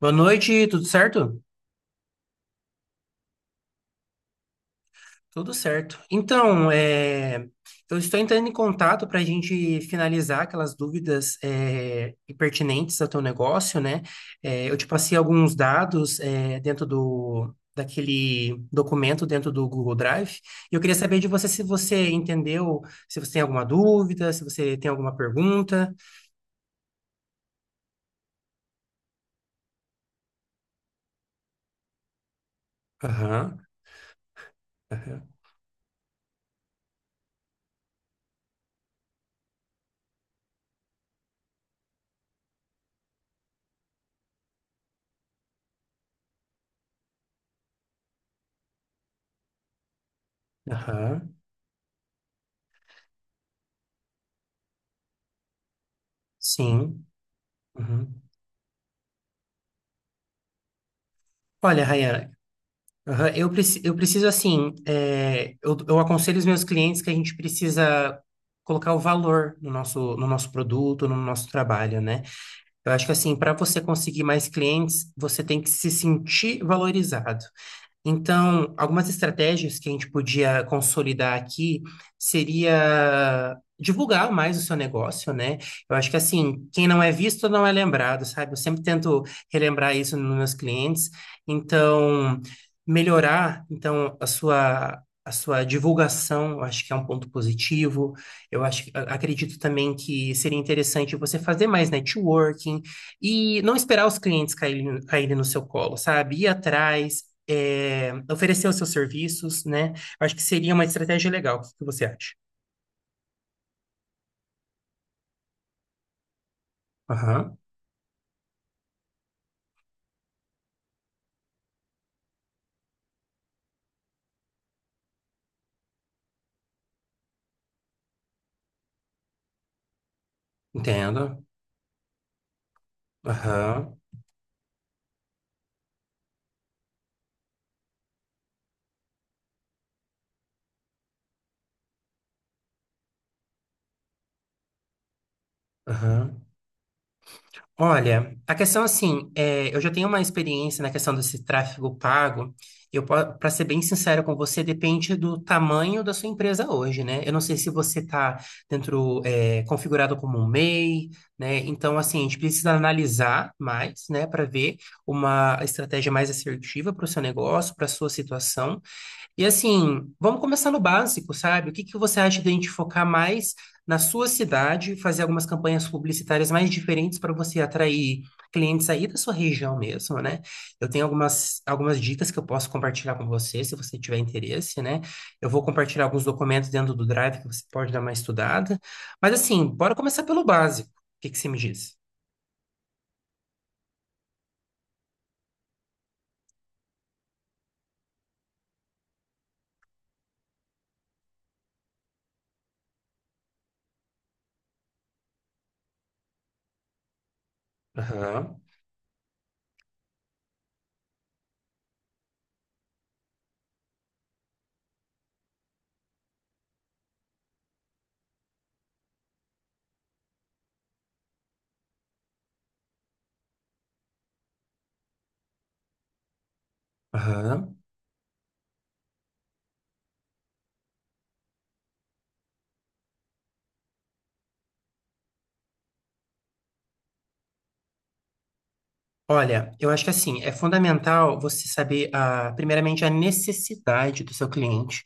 Boa noite, tudo certo? Tudo certo. Eu estou entrando em contato para a gente finalizar aquelas dúvidas pertinentes ao teu negócio, né? É, eu te passei alguns dados dentro do daquele documento dentro do Google Drive. E eu queria saber de você se você entendeu, se você tem alguma dúvida, se você tem alguma pergunta. Aham, aham, aham. Sim. Uhum. Olha, Rayan, aham. Eu preciso, assim, eu aconselho os meus clientes que a gente precisa colocar o valor no nosso produto, no nosso trabalho, né? Eu acho que, assim, para você conseguir mais clientes, você tem que se sentir valorizado. Então, algumas estratégias que a gente podia consolidar aqui seria divulgar mais o seu negócio, né? Eu acho que assim, quem não é visto não é lembrado, sabe? Eu sempre tento relembrar isso nos meus clientes. Então, melhorar então a sua divulgação, eu acho que é um ponto positivo. Eu acredito também que seria interessante você fazer mais networking e não esperar os clientes caírem, caírem no seu colo, sabe? Ir atrás oferecer os seus serviços, né? Eu acho que seria uma estratégia legal. O que que você acha? Aham, entendo. Aham, aham. Olha, a questão eu já tenho uma experiência na questão desse tráfego pago. Eu, para ser bem sincero com você, depende do tamanho da sua empresa hoje, né? Eu não sei se você está dentro, configurado como um MEI, né? Então, assim, a gente precisa analisar mais, né, para ver uma estratégia mais assertiva para o seu negócio, para a sua situação. E assim, vamos começar no básico, sabe? O que que você acha de a gente focar mais na sua cidade, fazer algumas campanhas publicitárias mais diferentes para você atrair clientes aí da sua região mesmo, né? Eu tenho algumas dicas que eu posso compartilhar com você, se você tiver interesse, né? Eu vou compartilhar alguns documentos dentro do Drive que você pode dar uma estudada. Mas assim, bora começar pelo básico. O que que você me diz? Aham, aham. Olha, eu acho que assim, é fundamental você saber, ah, primeiramente, a necessidade do seu cliente.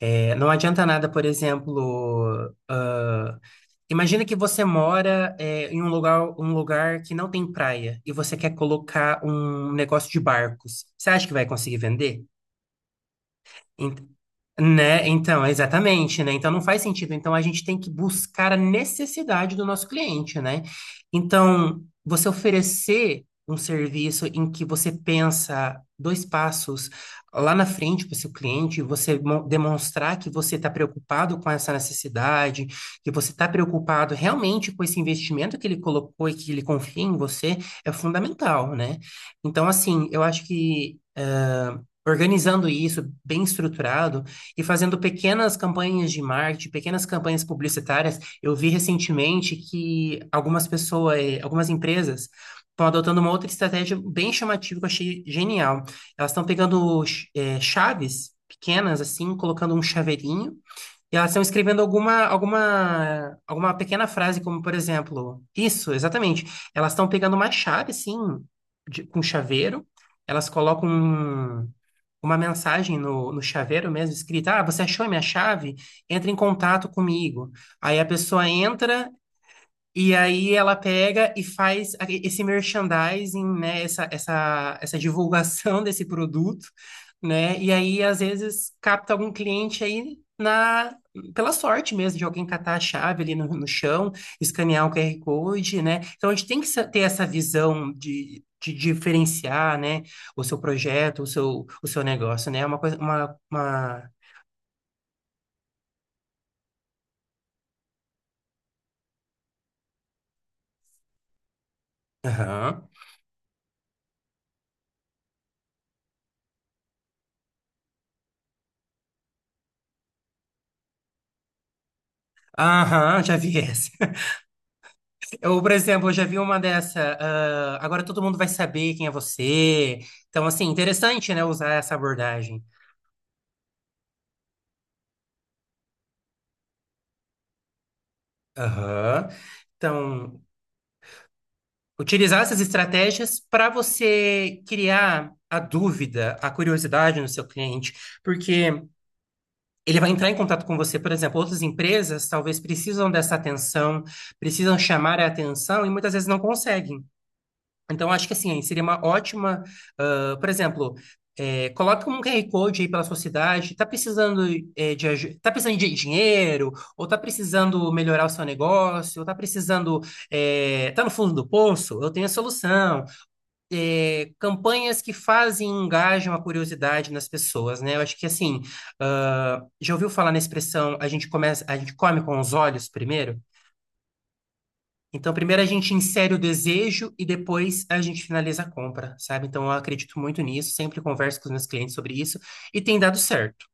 É, não adianta nada, por exemplo, ah, imagina que você em um lugar que não tem praia e você quer colocar um negócio de barcos. Você acha que vai conseguir vender? Ent- Né? Então, exatamente, né? Então não faz sentido. Então a gente tem que buscar a necessidade do nosso cliente, né? Então, você oferecer um serviço em que você pensa dois passos lá na frente para o seu cliente, você demonstrar que você está preocupado com essa necessidade, que você está preocupado realmente com esse investimento que ele colocou e que ele confia em você, é fundamental, né? Então, assim, eu acho que, organizando isso bem estruturado e fazendo pequenas campanhas de marketing, pequenas campanhas publicitárias. Eu vi recentemente que algumas pessoas, algumas empresas estão adotando uma outra estratégia bem chamativa que eu achei genial. Elas estão pegando chaves pequenas assim, colocando um chaveirinho. E elas estão escrevendo alguma pequena frase, como por exemplo, isso, exatamente. Elas estão pegando uma chave, assim, com chaveiro, elas colocam um- uma mensagem no, no chaveiro mesmo, escrita, ah, você achou a minha chave? Entre em contato comigo. Aí a pessoa entra e aí ela pega e faz esse merchandising, né? Essa divulgação desse produto, né? E aí, às vezes, capta algum cliente pela sorte mesmo, de alguém catar a chave ali no, no chão, escanear o QR Code, né? Então, a gente tem que ter essa visão de diferenciar, né? O seu projeto, o seu negócio, né? É uma coisa, uma... Aham, aham, já vi essa. Eu, por exemplo, já vi uma dessa. Ah, agora todo mundo vai saber quem é você. Então, assim, interessante, né, usar essa abordagem. Aham. Então, utilizar essas estratégias para você criar a dúvida, a curiosidade no seu cliente, porque ele vai entrar em contato com você. Por exemplo, outras empresas talvez precisam dessa atenção, precisam chamar a atenção e muitas vezes não conseguem. Então, acho que assim, seria uma ótima, ah, por exemplo, coloca um QR Code aí pela sua cidade, está precisando, tá precisando de dinheiro, ou está precisando melhorar o seu negócio, ou está precisando, tá no fundo do poço, eu tenho a solução. Eh, campanhas que fazem, e engajam a curiosidade nas pessoas, né? Eu acho que assim, ah, já ouviu falar na expressão, a gente começa, a gente come com os olhos primeiro? Então, primeiro a gente insere o desejo e depois a gente finaliza a compra, sabe? Então, eu acredito muito nisso, sempre converso com os meus clientes sobre isso e tem dado certo.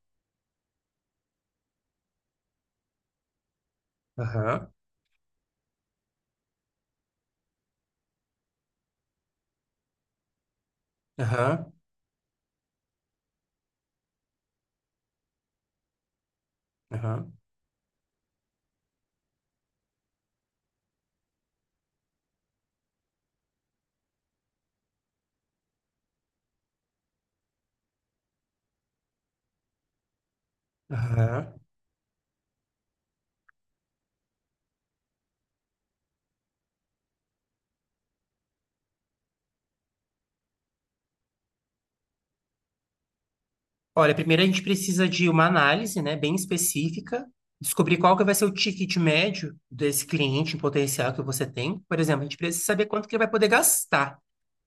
Aham, aham, aham, aham. Olha, primeiro a gente precisa de uma análise, né, bem específica, descobrir qual que vai ser o ticket médio desse cliente em potencial que você tem. Por exemplo, a gente precisa saber quanto que ele vai poder gastar.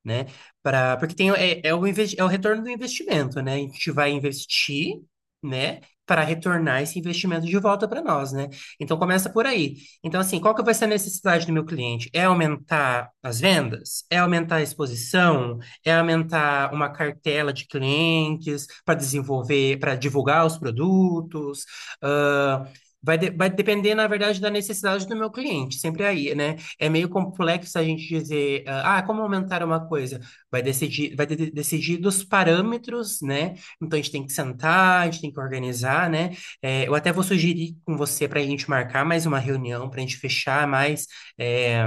Né? Pra, porque tem, é, é, o investi- é o retorno do investimento, né? A gente vai investir, né? Para retornar esse investimento de volta para nós, né? Então começa por aí. Então, assim, qual que vai ser a necessidade do meu cliente? É aumentar as vendas? É aumentar a exposição? É aumentar uma cartela de clientes para desenvolver, para divulgar os produtos? Ah, vai depender, na verdade, da necessidade do meu cliente, sempre aí, né? É meio complexo a gente dizer, como aumentar uma coisa? Vai decidir dos parâmetros, né? Então a gente tem que sentar, a gente tem que organizar, né? É, eu até vou sugerir com você para a gente marcar mais uma reunião, para a gente fechar mais é,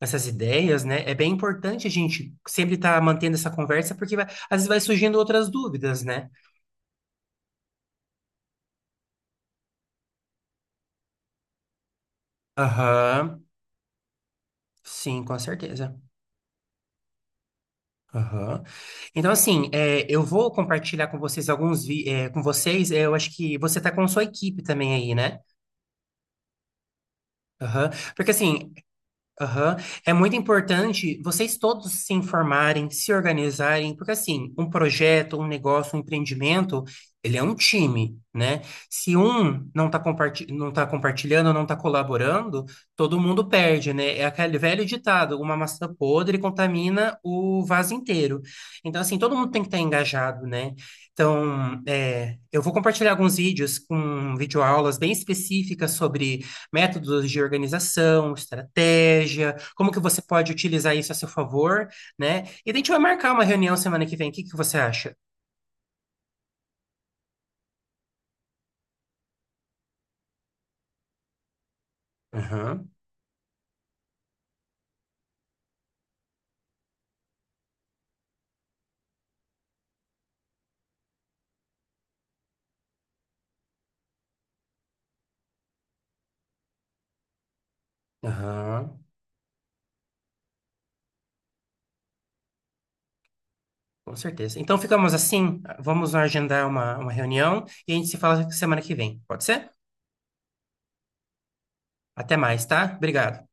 essas ideias, né? É bem importante a gente sempre estar mantendo essa conversa, porque às vezes vai surgindo outras dúvidas, né? Aham, sim, com certeza. Aham. Então, assim, é, eu vou compartilhar com vocês alguns, vi- é, com vocês, é, eu acho que você tá com sua equipe também aí, né? Aham. Porque, assim, aham. É muito importante vocês todos se informarem, se organizarem, porque assim, um projeto, um negócio, um empreendimento, ele é um time, né? Se um não tá compartilhando, não está colaborando, todo mundo perde, né? É aquele velho ditado, uma maçã podre contamina o vaso inteiro. Então, assim, todo mundo tem que estar engajado, né? Então, é, eu vou compartilhar alguns vídeos com videoaulas bem específicas sobre métodos de organização, estratégia, como que você pode utilizar isso a seu favor, né? E a gente vai marcar uma reunião semana que vem. O que que você acha? Aham, aham, com certeza. Então ficamos assim, vamos agendar uma reunião e a gente se fala semana que vem. Pode ser? Até mais, tá? Obrigado.